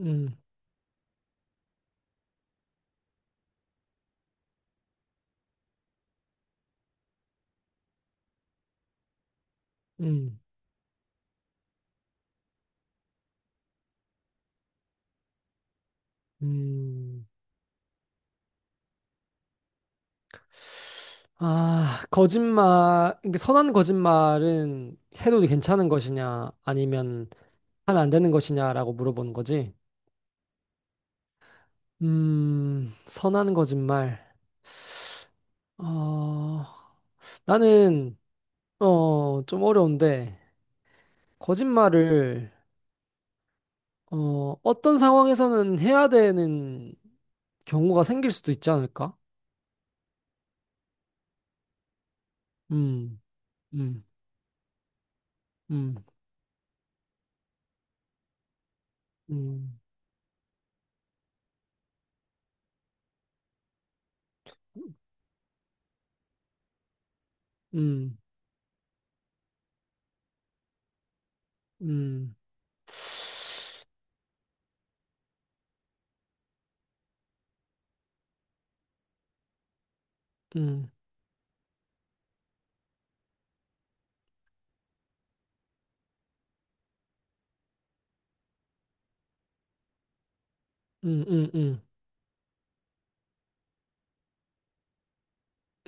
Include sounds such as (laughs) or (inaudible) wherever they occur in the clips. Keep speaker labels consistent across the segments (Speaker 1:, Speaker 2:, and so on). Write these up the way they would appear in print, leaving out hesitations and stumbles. Speaker 1: 음, 음, 음. 아, 거짓말, 이게 선한 거짓말은 해도 괜찮은 것이냐, 아니면 하면 안 되는 것이냐라고 물어보는 거지. 선한 거짓말. 어, 나는, 좀 어려운데, 거짓말을, 어떤 상황에서는 해야 되는 경우가 생길 수도 있지 않을까? 음, 음, 음, 음, 음, 음. 음. 음, 음, 음,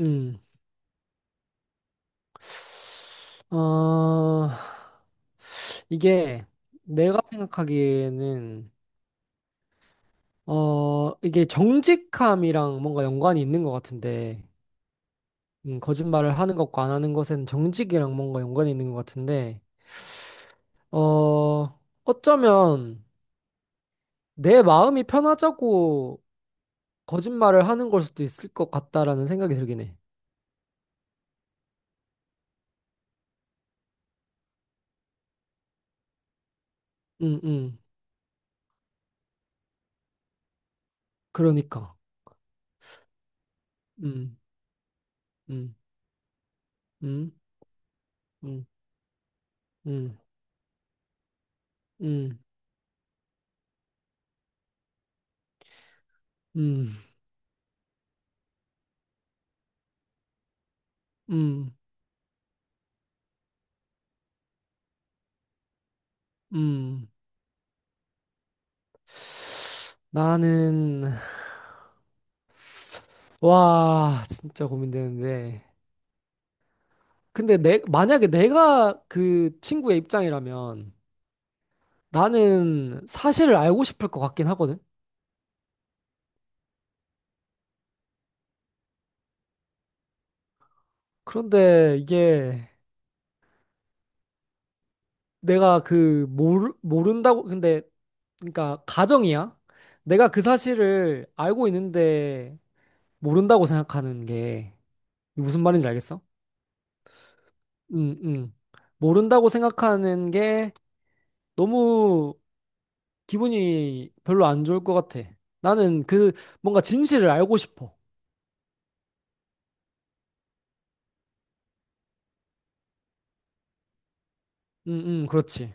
Speaker 1: 음. 어, 이게 내가 생각하기에는, 이게 정직함이랑 뭔가 연관이 있는 것 같은데, 거짓말을 하는 것과 안 하는 것에는 정직이랑 뭔가 연관이 있는 것 같은데, 어, 어쩌면 내 마음이 편하자고 거짓말을 하는 걸 수도 있을 것 같다라는 생각이 들긴 해. 음, 음, 그러니까. 음, 음, 음, 음, 음, 음, 음, 음. 음. 나는 와 진짜 고민되는데, 근데 내 만약에 내가 그 친구의 입장이라면 나는 사실을 알고 싶을 것 같긴 하거든. 그런데 이게 내가 그 모른다고 근데, 그러니까 가정이야. 내가 그 사실을 알고 있는데 모른다고 생각하는 게, 무슨 말인지 알겠어? 음, 음. 모른다고 생각하는 게 너무 기분이 별로 안 좋을 것 같아. 나는 그 뭔가 진실을 알고 싶어. 응응, 그렇지.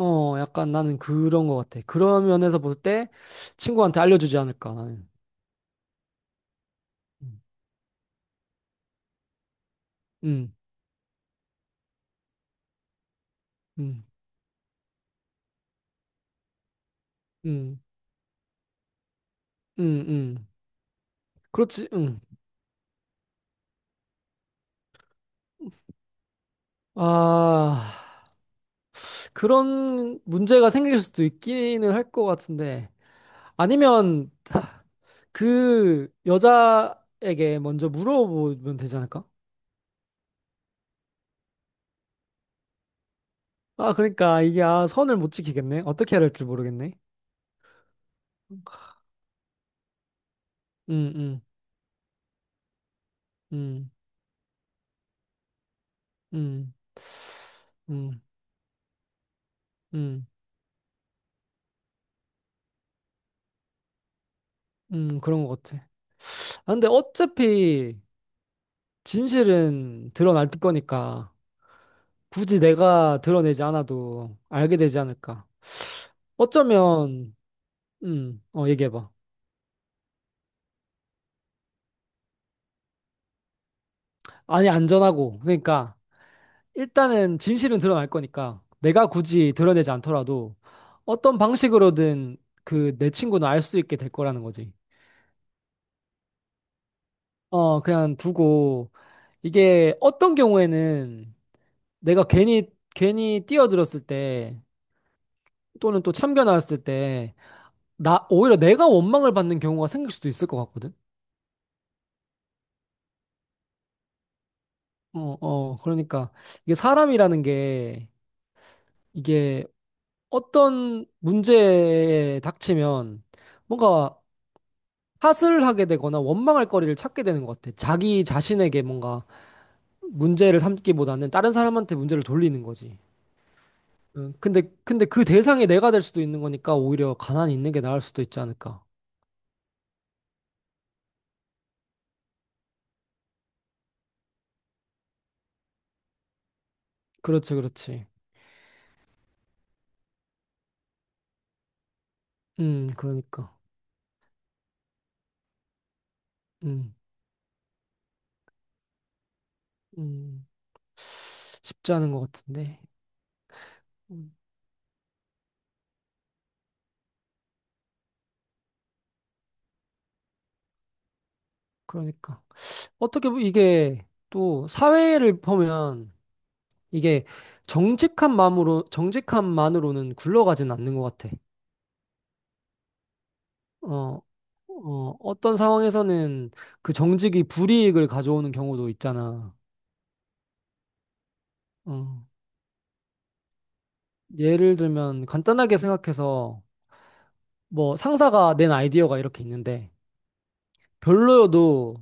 Speaker 1: 어, 약간 나는 그런 것 같아. 그런 면에서 볼 때 친구한테 알려주지 않을까, 나는. 응응응응응, 그렇지, 응. 아, 그런 문제가 생길 수도 있기는 할 것 같은데. 아니면 그 여자에게 먼저 물어보면 되지 않을까? 아, 그러니까 이게, 아, 선을 못 지키겠네. 어떻게 해야 될지 모르겠네. 음, 음, 음, 음, 음, 음, 그런 것 같아. 아, 근데 어차피 진실은 드러날 거니까 굳이 내가 드러내지 않아도 알게 되지 않을까. 어쩌면, 얘기해봐. 아니, 안전하고. 그러니까 일단은 진실은 드러날 거니까 내가 굳이 드러내지 않더라도 어떤 방식으로든 그 내 친구는 알 수 있게 될 거라는 거지. 어, 그냥 두고, 이게 어떤 경우에는 내가 괜히 뛰어들었을 때, 또는 또 참겨 나왔을 때, 나, 오히려 내가 원망을 받는 경우가 생길 수도 있을 것 같거든? 그러니까, 이게 사람이라는 게, 이게 어떤 문제에 닥치면, 뭔가 탓을 하게 되거나 원망할 거리를 찾게 되는 것 같아. 자기 자신에게 뭔가 문제를 삼기보다는 다른 사람한테 문제를 돌리는 거지. 응, 근데 그 대상이 내가 될 수도 있는 거니까 오히려 가만히 있는 게 나을 수도 있지 않을까. 그렇지, 그렇지. 그러니까. 음, 음. 쉽지 않은 것 같은데. 음, 그러니까. 어떻게 보면 이게 또 사회를 보면 이게 정직한 마음으로, 정직한 만으로는 굴러가진 않는 것 같아. 어, 어떤 상황에서는 그 정직이 불이익을 가져오는 경우도 있잖아. 어, 예를 들면 간단하게 생각해서 뭐 상사가 낸 아이디어가 이렇게 있는데 별로여도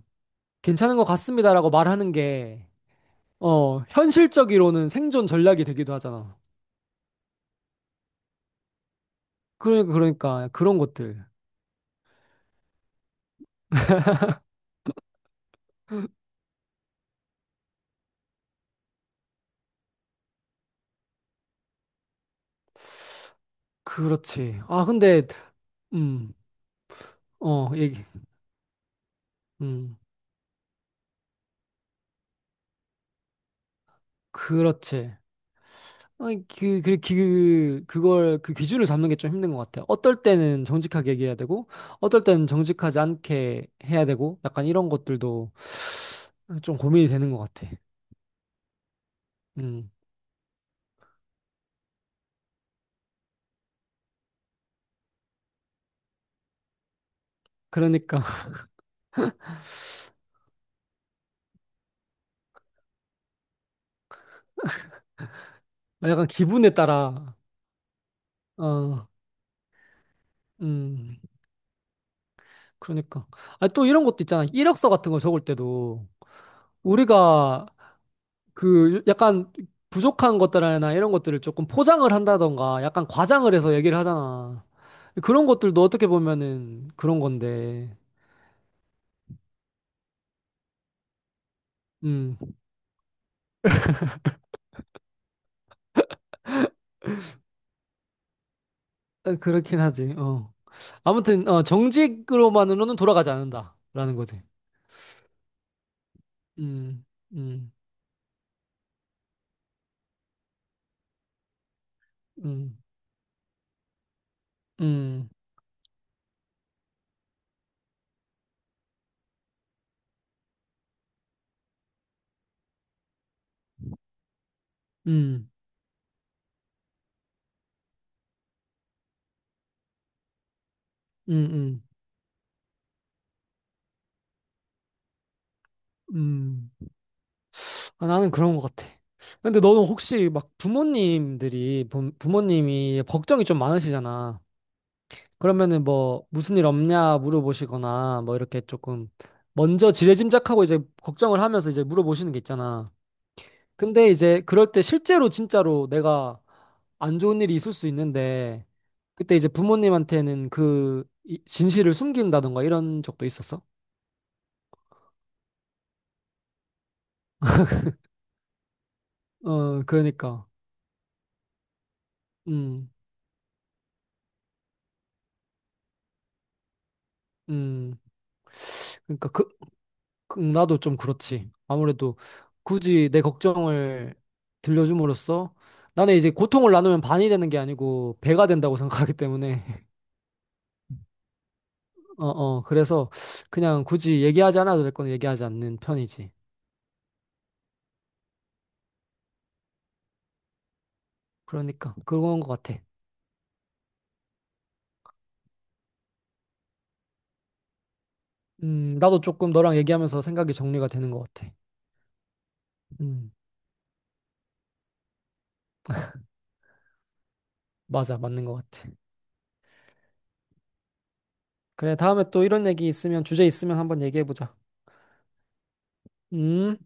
Speaker 1: 괜찮은 것 같습니다라고 말하는 게, 어, 현실적으로는 생존 전략이 되기도 하잖아. 그러니까 그런 것들. 그렇지. 아 근데 음. 얘기. 음. 그렇지. 아니, 그 기준을 잡는 게 좀 힘든 것 같아. 어떨 때는 정직하게 얘기해야 되고, 어떨 때는 정직하지 않게 해야 되고, 약간 이런 것들도 좀 고민이 되는 것 같아. 음, 그러니까. 아, 약간 기분에 따라, 어, 음, 그러니까. 아, 또 이런 것도 있잖아. 이력서 같은 거 적을 때도 우리가 그 약간 부족한 것들이나 이런 것들을 조금 포장을 한다던가 약간 과장을 해서 얘기를 하잖아. 그런 것들도 어떻게 보면은 그런 건데, 음, 아, 그렇긴 하지, 어. 아무튼, 정직으로만으로는 돌아가지 않는다. 라는 거지. 음, 음, 음, 음, 음, 음, 음, 음. 아, 나는 그런 것 같아. 근데 너는 혹시 막 부모님이 걱정이 좀 많으시잖아. 그러면은 뭐 무슨 일 없냐 물어보시거나 뭐 이렇게 조금 먼저 지레짐작하고 이제 걱정을 하면서 이제 물어보시는 게 있잖아. 근데 이제 그럴 때 실제로 진짜로 내가 안 좋은 일이 있을 수 있는데, 그때 이제 부모님한테는 그 진실을 숨긴다던가 이런 적도 있었어? 어, 그러니까. 음, 음. 그러니까 그, 나도 좀 그렇지. 아무래도 굳이 내 걱정을 들려줌으로써, 나는 이제 고통을 나누면 반이 되는 게 아니고 배가 된다고 생각하기 때문에 (laughs) 그래서 그냥 굳이 얘기하지 않아도 될 건 얘기하지 않는 편이지. 그러니까 그런 것 같아. 나도 조금 너랑 얘기하면서 생각이 정리가 되는 것 같아. 음, 맞아, 맞는 것 같아. 그래, 다음에 또 이런 얘기 있으면 주제 있으면 한번 얘기해보자. 음.